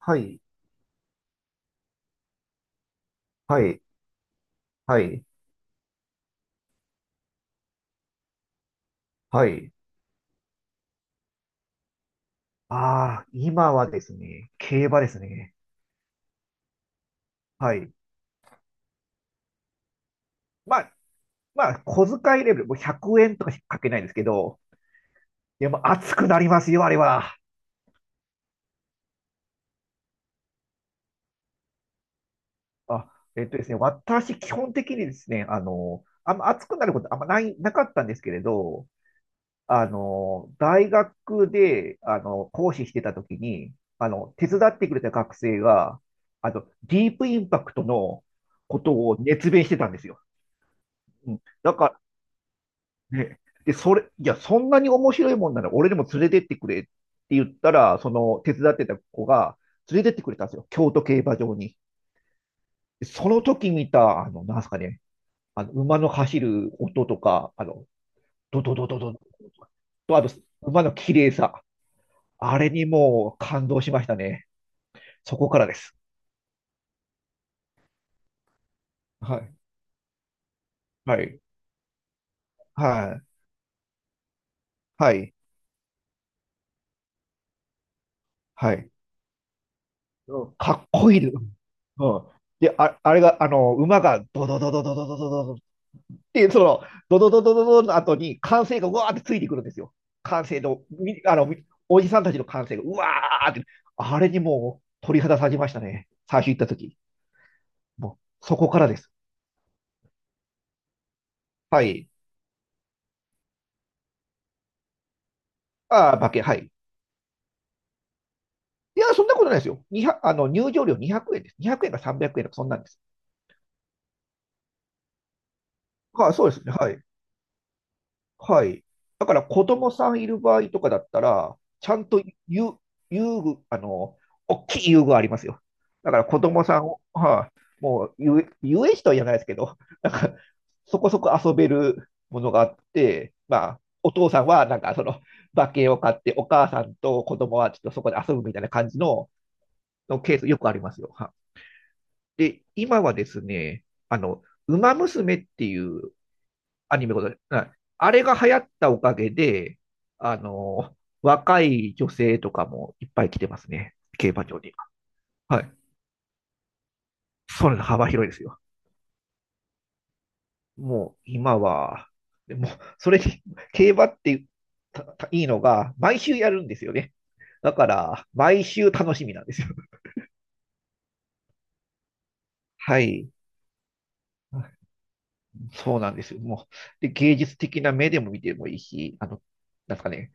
はい、はい、はい、はい。ああ、今はですね、競馬ですね。はい。まあ、まあ、小遣いレベル、もう100円とかしかかけないんですけど、でも熱くなりますよ、あれは。あ、えっとですね、私、基本的にですね、あんま熱くなることあんまない、なかったんですけれど、大学で、講師してた時に、手伝ってくれた学生が、ディープインパクトのことを熱弁してたんですよ。うん。だからで、で、それ、いや、そんなに面白いもんなら俺にも連れてってくれって言ったら、その手伝ってた子が連れてってくれたんですよ。京都競馬場に。でその時見た、なんすかね、馬の走る音とか、ドドドドドドと、あと、馬の綺麗さ。あれにもう感動しましたね。そこからです。はい。はい。はい。はい。はい。うん。かっこいいです。うん。で、あ、あれが、あの、馬がドドドドドドドドドで、ドドドドドドの後に歓声がうわーってついてくるんですよ。歓声の、みあの、みおじさんたちの歓声がうわーって、あれにもう鳥肌立ちましたね。最初行った時。もう、そこからです。はい。ああ、馬券、はい。いや、そんなことないですよ。2 0あの、入場料200円です。200円か300円か、そんなんです。ああ、そうですね。はい。はい。だから子供さんいる場合とかだったら、ちゃんと遊、遊具、大きい遊具ありますよ。だから子供さんを、はい、もう遊園地とは言わないですけど、なんかそこそこ遊べるものがあって、まあ、お父さんはなんかその馬券を買って、お母さんと子供はちょっとそこで遊ぶみたいな感じのケースよくありますよ。で、今はですね、ウマ娘っていうアニメございます。あれが流行ったおかげで、あの、若い女性とかもいっぱい来てますね。競馬場に。はい。それの幅広いですよ。もう今は、でもうそれに、競馬ってたたいいのが、毎週やるんですよね。だから、毎週楽しみなんですよ。はい。そうなんですよ。もう、で、芸術的な目でも見てもいいし、なんすかね、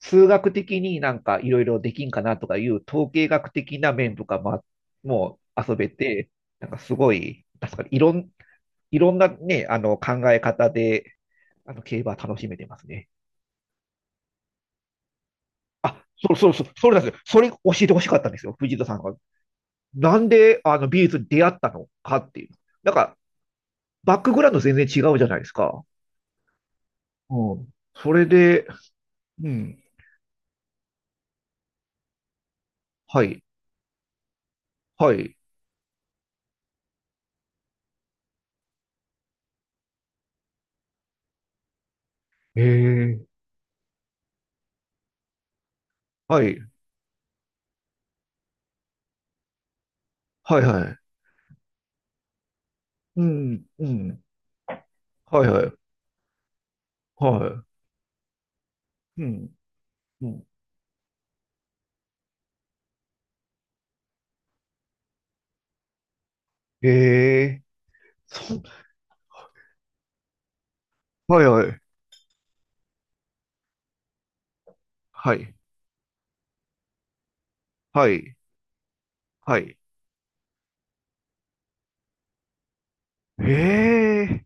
数学的になんかいろいろできんかなとかいう統計学的な面とかも、もう遊べて、なんかすごい、なんすかね、いろんなね、考え方で、競馬楽しめてますね。そうそうそう、それなんですよ。それ教えてほしかったんですよ、藤田さんが。なんで、美術に出会ったのかっていう。なんか、バックグラウンド全然違うじゃないですか。うん。それで、うん。はい。はい。ええ、はい。はい、はい。うん、うん、はい、はい。はい。うん、うん。ええ、そ、はい、はい。はい。はい。はい。ええ、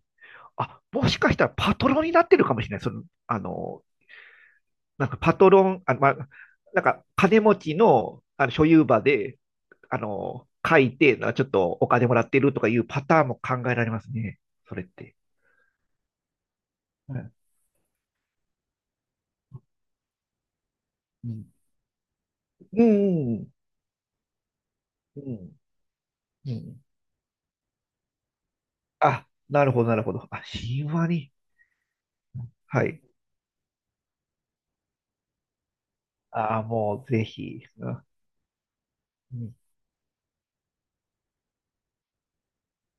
あ、もしかしたらパトロンになってるかもしれない。なんかパトロン、あ、まあ、なんか金持ちの、所有場で、書いて、ちょっとお金もらってるとかいうパターンも考えられますね。それって。うん、うん、うん、うん、うん。あ、なるほど、なるほど。あ、神話に。はい。ああ、もうぜひ。あうん。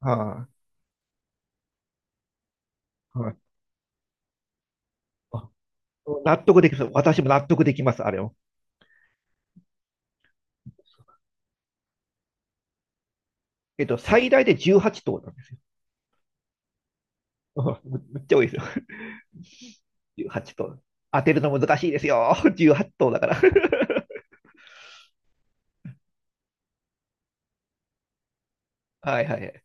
はい。はい。あ、納得できます。私も納得できます、あれを。最大で18頭なんですよ。うん。むっちゃ多いですよ。18頭。当てるの難しいですよ。18頭だから。はいはいはい。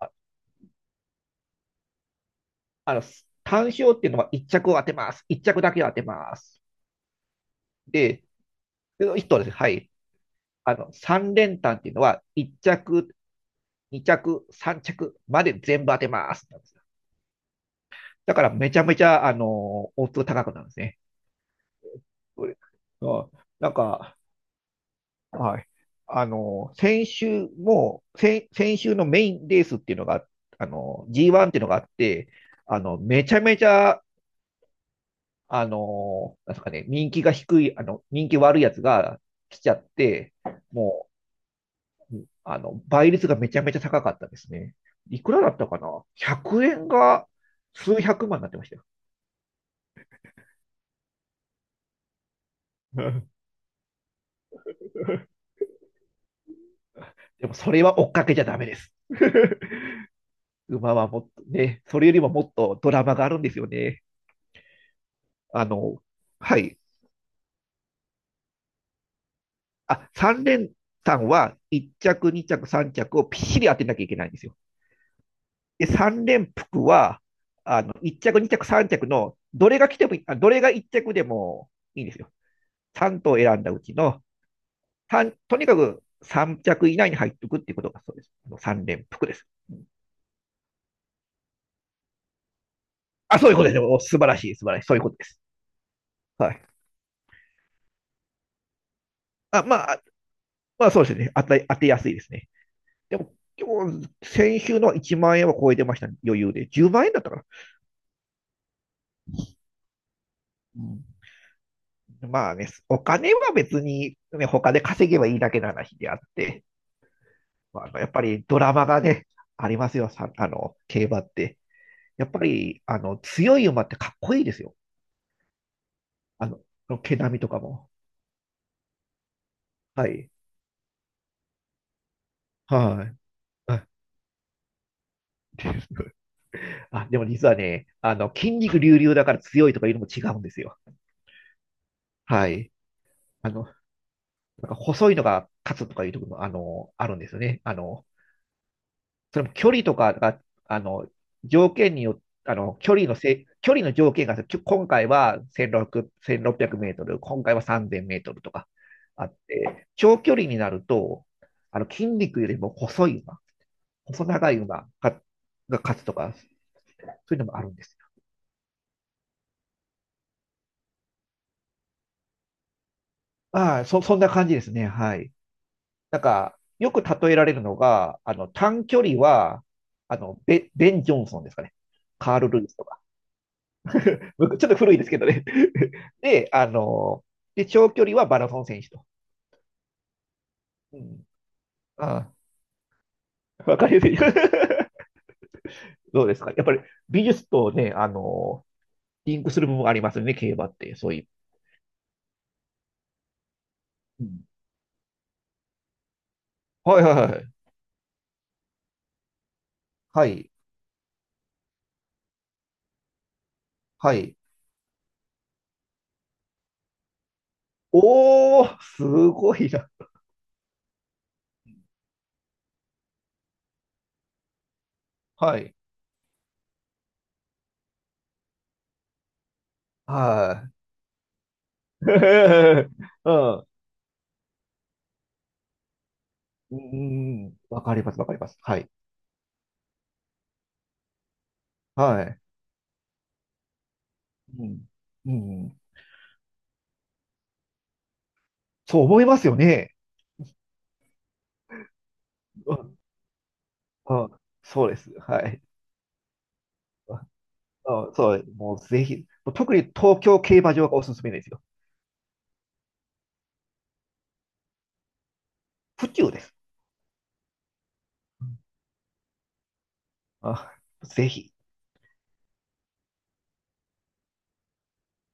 あ、あの、単勝っていうのは1着を当てます。1着だけを当てます。で、1頭です。はい。3連単っていうのは1着2着、3着まで全部当てます。だからめちゃめちゃ、オッズ高くなるんですね。これなんか、はい。先週も、先週のメインレースっていうのが、G1 っていうのがあって、めちゃめちゃ、なんですかね、人気が低い、人気悪いやつが来ちゃって、もう、倍率がめちゃめちゃ高かったですね。いくらだったかな？ 100 円が数百万になってましたよ。でもそれは追っかけちゃダメです。馬はもっとね、それよりももっとドラマがあるんですよね。あの、はい。あ、3連単は1着、2着、3着をぴっしり当てなきゃいけないんですよ。で、3連服は、1着、2着、3着の、どれが来てもいい、あ、どれが1着でもいいんですよ。さん頭選んだうちの、とにかく3着以内に入っておくっていうことがそうです。三連服です。あ、そういうことです。お素晴らしい、素晴らしい。そういうことです。はい。あまあ、まあそうですね。当てやすいですね。でも、先週の1万円は超えてましたね。余裕で。10万円だったかな。うん、まあね、お金は別に、ね、他で稼げばいいだけの話であって、まあ、やっぱりドラマがね、ありますよ。さ、あの、競馬って。やっぱり、強い馬ってかっこいいですよ。あの、毛並みとかも。はい。はい。あ、で でも実はね、筋肉隆々だから強いとかいうのも違うんですよ。はい。あの、なんか細いのが勝つとかいうところも、あるんですよね。それも距離とかが、あの、条件によって、距離の条件が、今回は1600、1 6メートル、今回は3000メートルとかあって、長距離になると、筋肉よりも細い馬、細長い馬が勝つとか、そういうのもあるんですよ。ああ、そんな感じですね。はい。なんか、よく例えられるのが、短距離は、ベン・ジョンソンですかね。カール・ルイスとか。僕ちょっと古いですけどね。で、あの、で、長距離はマラソン選手と。うん。ああ、わかりやすい。どうですか、やっぱり美術とね、リンクする部分ありますよね、競馬って。そういう。うん。はいはいはい。はい。はい。おー、すごいな。はい。はい。うん。うんうんうん。わかります、わかります。はい。はい。うん。うん。そう思いますよね。うん。あ、そうです。はい。あ、あそう、もうぜひ、特に東京競馬場がおすすめですよ。府中です。あ、ぜひ。